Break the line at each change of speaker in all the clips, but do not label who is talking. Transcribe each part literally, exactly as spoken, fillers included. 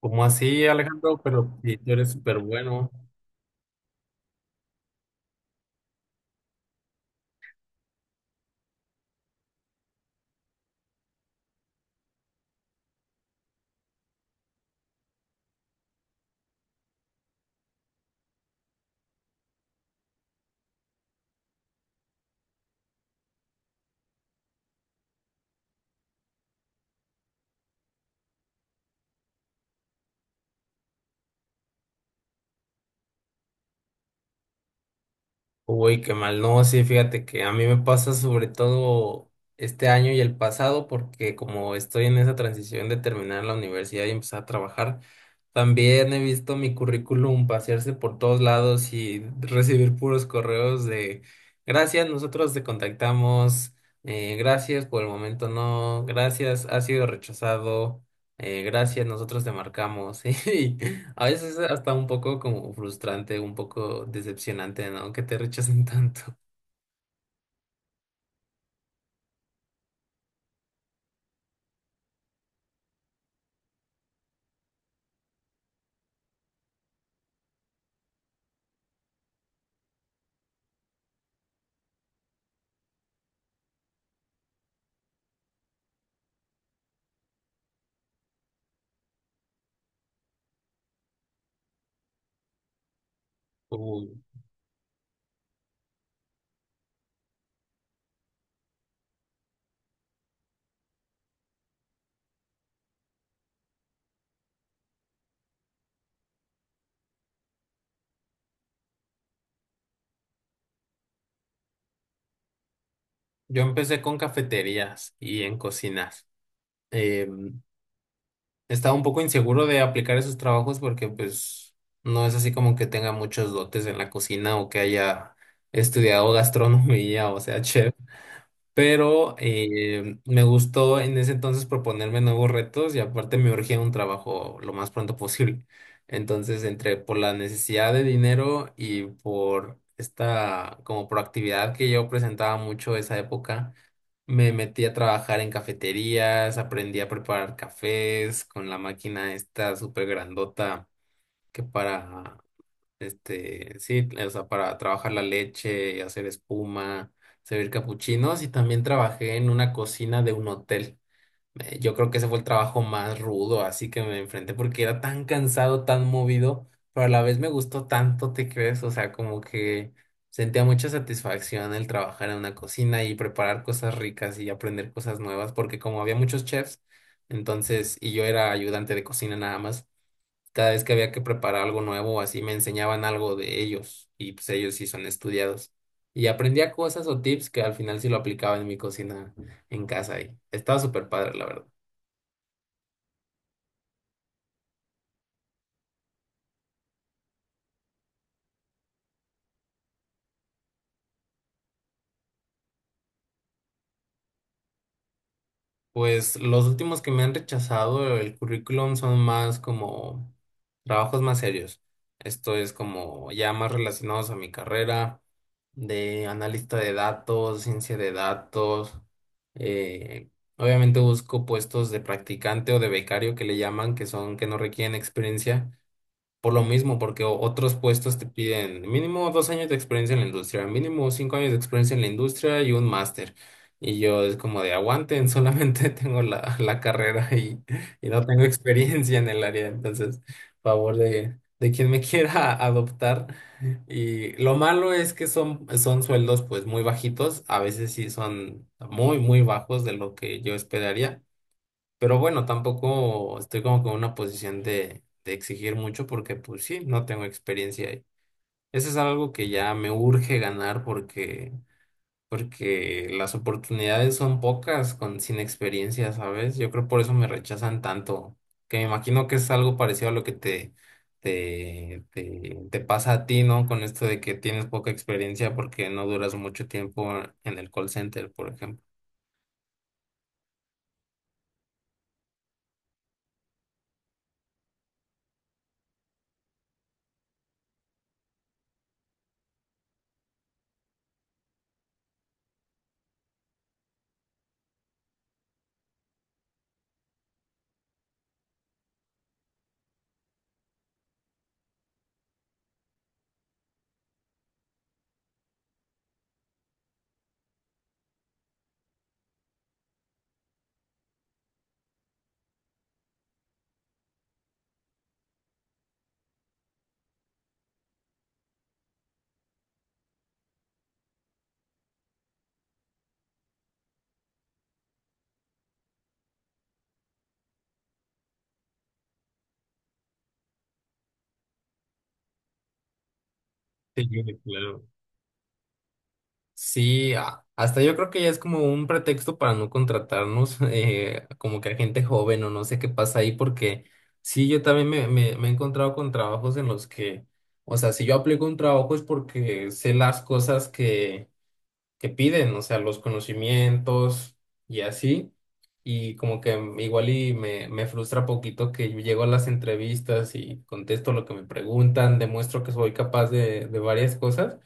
¿Como así, Alejandro? Pero si tú eres súper bueno. Uy, qué mal. No, sí, fíjate que a mí me pasa sobre todo este año y el pasado, porque como estoy en esa transición de terminar la universidad y empezar a trabajar, también he visto mi currículum pasearse por todos lados y recibir puros correos de gracias, nosotros te contactamos, eh, gracias, por el momento no, gracias, ha sido rechazado, eh, gracias, nosotros te marcamos. ¿Sí? A veces es hasta un poco como frustrante, un poco decepcionante, ¿no? Que te rechacen tanto. Uy. Yo empecé con cafeterías y en cocinas. Eh, Estaba un poco inseguro de aplicar esos trabajos porque pues no es así como que tenga muchos dotes en la cocina o que haya estudiado gastronomía, o sea, chef. Pero eh, me gustó en ese entonces proponerme nuevos retos y aparte me urgía un trabajo lo más pronto posible. Entonces, entre por la necesidad de dinero y por esta como proactividad que yo presentaba mucho esa época, me metí a trabajar en cafeterías, aprendí a preparar cafés con la máquina esta súper grandota que para este, sí, eh, o sea, para trabajar la leche, hacer espuma, servir capuchinos y también trabajé en una cocina de un hotel. Eh, Yo creo que ese fue el trabajo más rudo, así que me enfrenté porque era tan cansado, tan movido, pero a la vez me gustó tanto, ¿te crees? O sea, como que sentía mucha satisfacción el trabajar en una cocina y preparar cosas ricas y aprender cosas nuevas, porque como había muchos chefs, entonces, y yo era ayudante de cocina nada más. Cada vez que había que preparar algo nuevo, así me enseñaban algo de ellos y pues ellos sí son estudiados. Y aprendía cosas o tips que al final sí lo aplicaba en mi cocina en casa y estaba súper padre, la verdad. Pues los últimos que me han rechazado el currículum son más como trabajos más serios. Esto es como ya más relacionados a mi carrera de analista de datos, ciencia de datos. Eh, obviamente busco puestos de practicante o de becario que le llaman, que son que no requieren experiencia por lo mismo, porque o- otros puestos te piden mínimo dos años de experiencia en la industria, mínimo cinco años de experiencia en la industria y un máster. Y yo es como de aguanten, solamente tengo la, la carrera y, y no tengo experiencia en el área. Entonces, favor de, de quien me quiera adoptar. Y lo malo es que son, son sueldos pues muy bajitos, a veces sí son muy, muy bajos de lo que yo esperaría. Pero bueno, tampoco estoy como que en una posición de, de exigir mucho porque pues sí, no tengo experiencia ahí. Eso es algo que ya me urge ganar porque, porque las oportunidades son pocas con, sin experiencia, ¿sabes? Yo creo por eso me rechazan tanto, que me imagino que es algo parecido a lo que te, te, te, te pasa a ti, ¿no? Con esto de que tienes poca experiencia porque no duras mucho tiempo en el call center, por ejemplo. Sí, claro. Sí, a- hasta yo creo que ya es como un pretexto para no contratarnos, eh, como que a gente joven o no sé qué pasa ahí, porque sí, yo también me, me, me he encontrado con trabajos en los que, o sea, si yo aplico un trabajo es porque sé las cosas que, que piden, o sea, los conocimientos y así, y como que igual y me, me frustra poquito que yo llego a las entrevistas y contesto lo que me preguntan, demuestro que soy capaz de, de varias cosas.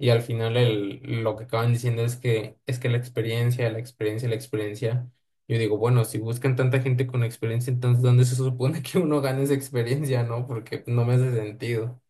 Y al final el, lo que acaban diciendo es que es que la experiencia, la experiencia, la experiencia. Yo digo, bueno, si buscan tanta gente con experiencia, entonces ¿dónde se supone que uno gana esa experiencia, no? Porque no me hace sentido.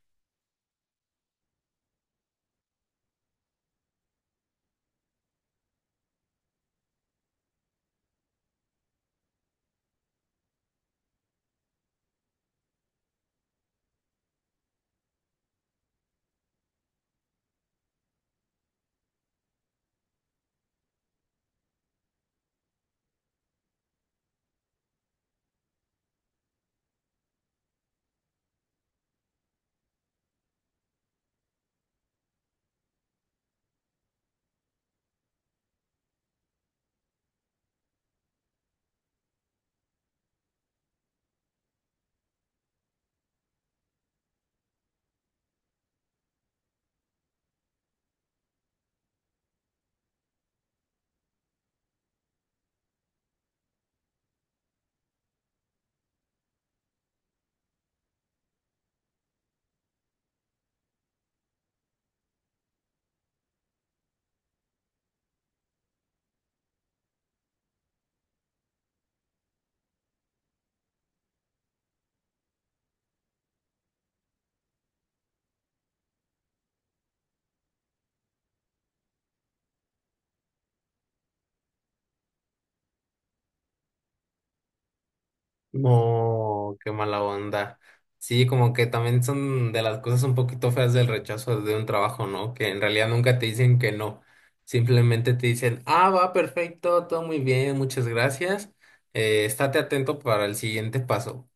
No, qué mala onda. Sí, como que también son de las cosas un poquito feas del rechazo de un trabajo, ¿no? Que en realidad nunca te dicen que no. Simplemente te dicen, ah, va perfecto, todo muy bien, muchas gracias. Eh, estate atento para el siguiente paso.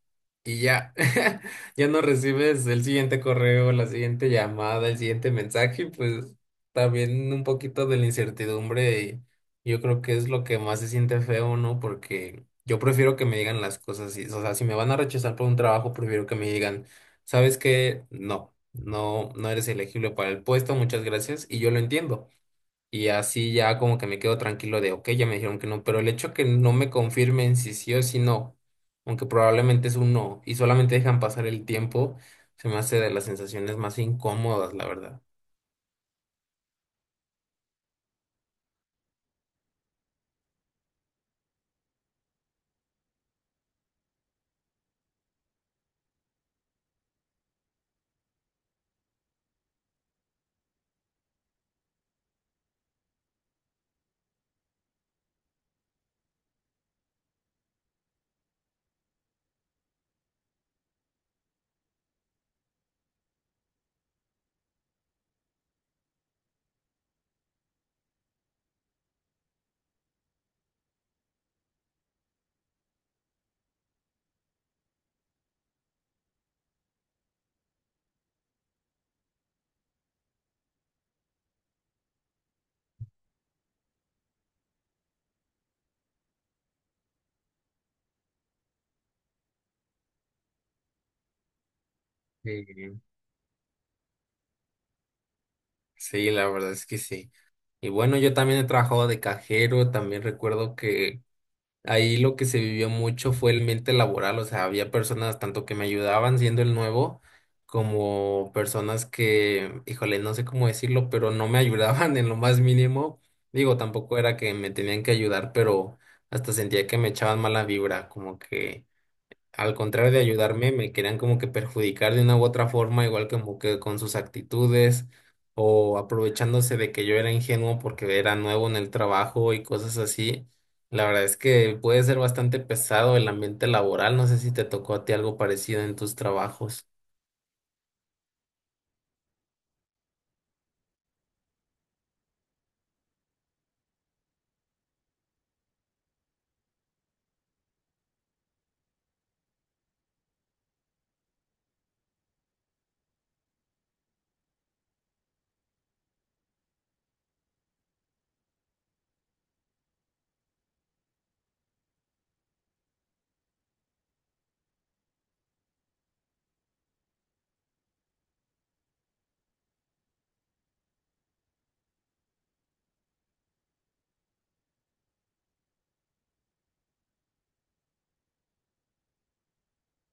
Y ya, ya no recibes el siguiente correo, la siguiente llamada, el siguiente mensaje, y pues también un poquito de la incertidumbre, y yo creo que es lo que más se siente feo, ¿no? Porque yo prefiero que me digan las cosas, así, o sea, si me van a rechazar por un trabajo, prefiero que me digan, ¿sabes qué? No, no, no eres elegible para el puesto, muchas gracias, y yo lo entiendo. Y así ya como que me quedo tranquilo de, ok, ya me dijeron que no, pero el hecho que no me confirmen si sí o si no, aunque probablemente es un no, y solamente dejan pasar el tiempo, se me hace de las sensaciones más incómodas, la verdad. Sí, sí, la verdad es que sí. Y bueno, yo también he trabajado de cajero, también recuerdo que ahí lo que se vivió mucho fue el mente laboral, o sea, había personas tanto que me ayudaban siendo el nuevo, como personas que, híjole, no sé cómo decirlo, pero no me ayudaban en lo más mínimo. Digo, tampoco era que me tenían que ayudar, pero hasta sentía que me echaban mala vibra, como que al contrario de ayudarme, me querían como que perjudicar de una u otra forma, igual como que con sus actitudes o aprovechándose de que yo era ingenuo porque era nuevo en el trabajo y cosas así. La verdad es que puede ser bastante pesado el ambiente laboral. No sé si te tocó a ti algo parecido en tus trabajos.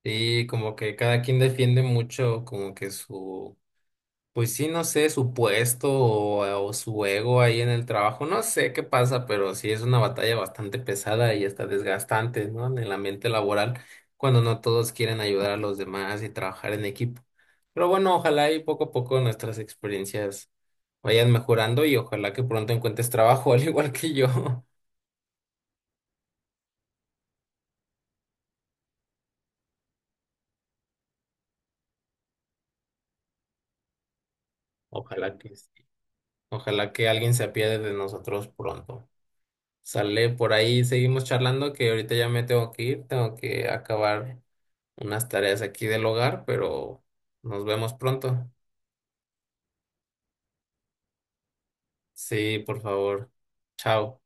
Sí, como que cada quien defiende mucho como que su, pues sí, no sé, su puesto o, o su ego ahí en el trabajo, no sé qué pasa, pero sí es una batalla bastante pesada y hasta desgastante, ¿no? En el ambiente laboral, cuando no todos quieren ayudar a los demás y trabajar en equipo. Pero bueno, ojalá y poco a poco nuestras experiencias vayan mejorando y ojalá que pronto encuentres trabajo, al igual que yo. Ojalá que sí. Ojalá que alguien se apiade de nosotros pronto. Sale por ahí, seguimos charlando, que ahorita ya me tengo que ir, tengo que acabar unas tareas aquí del hogar, pero nos vemos pronto. Sí, por favor. Chao.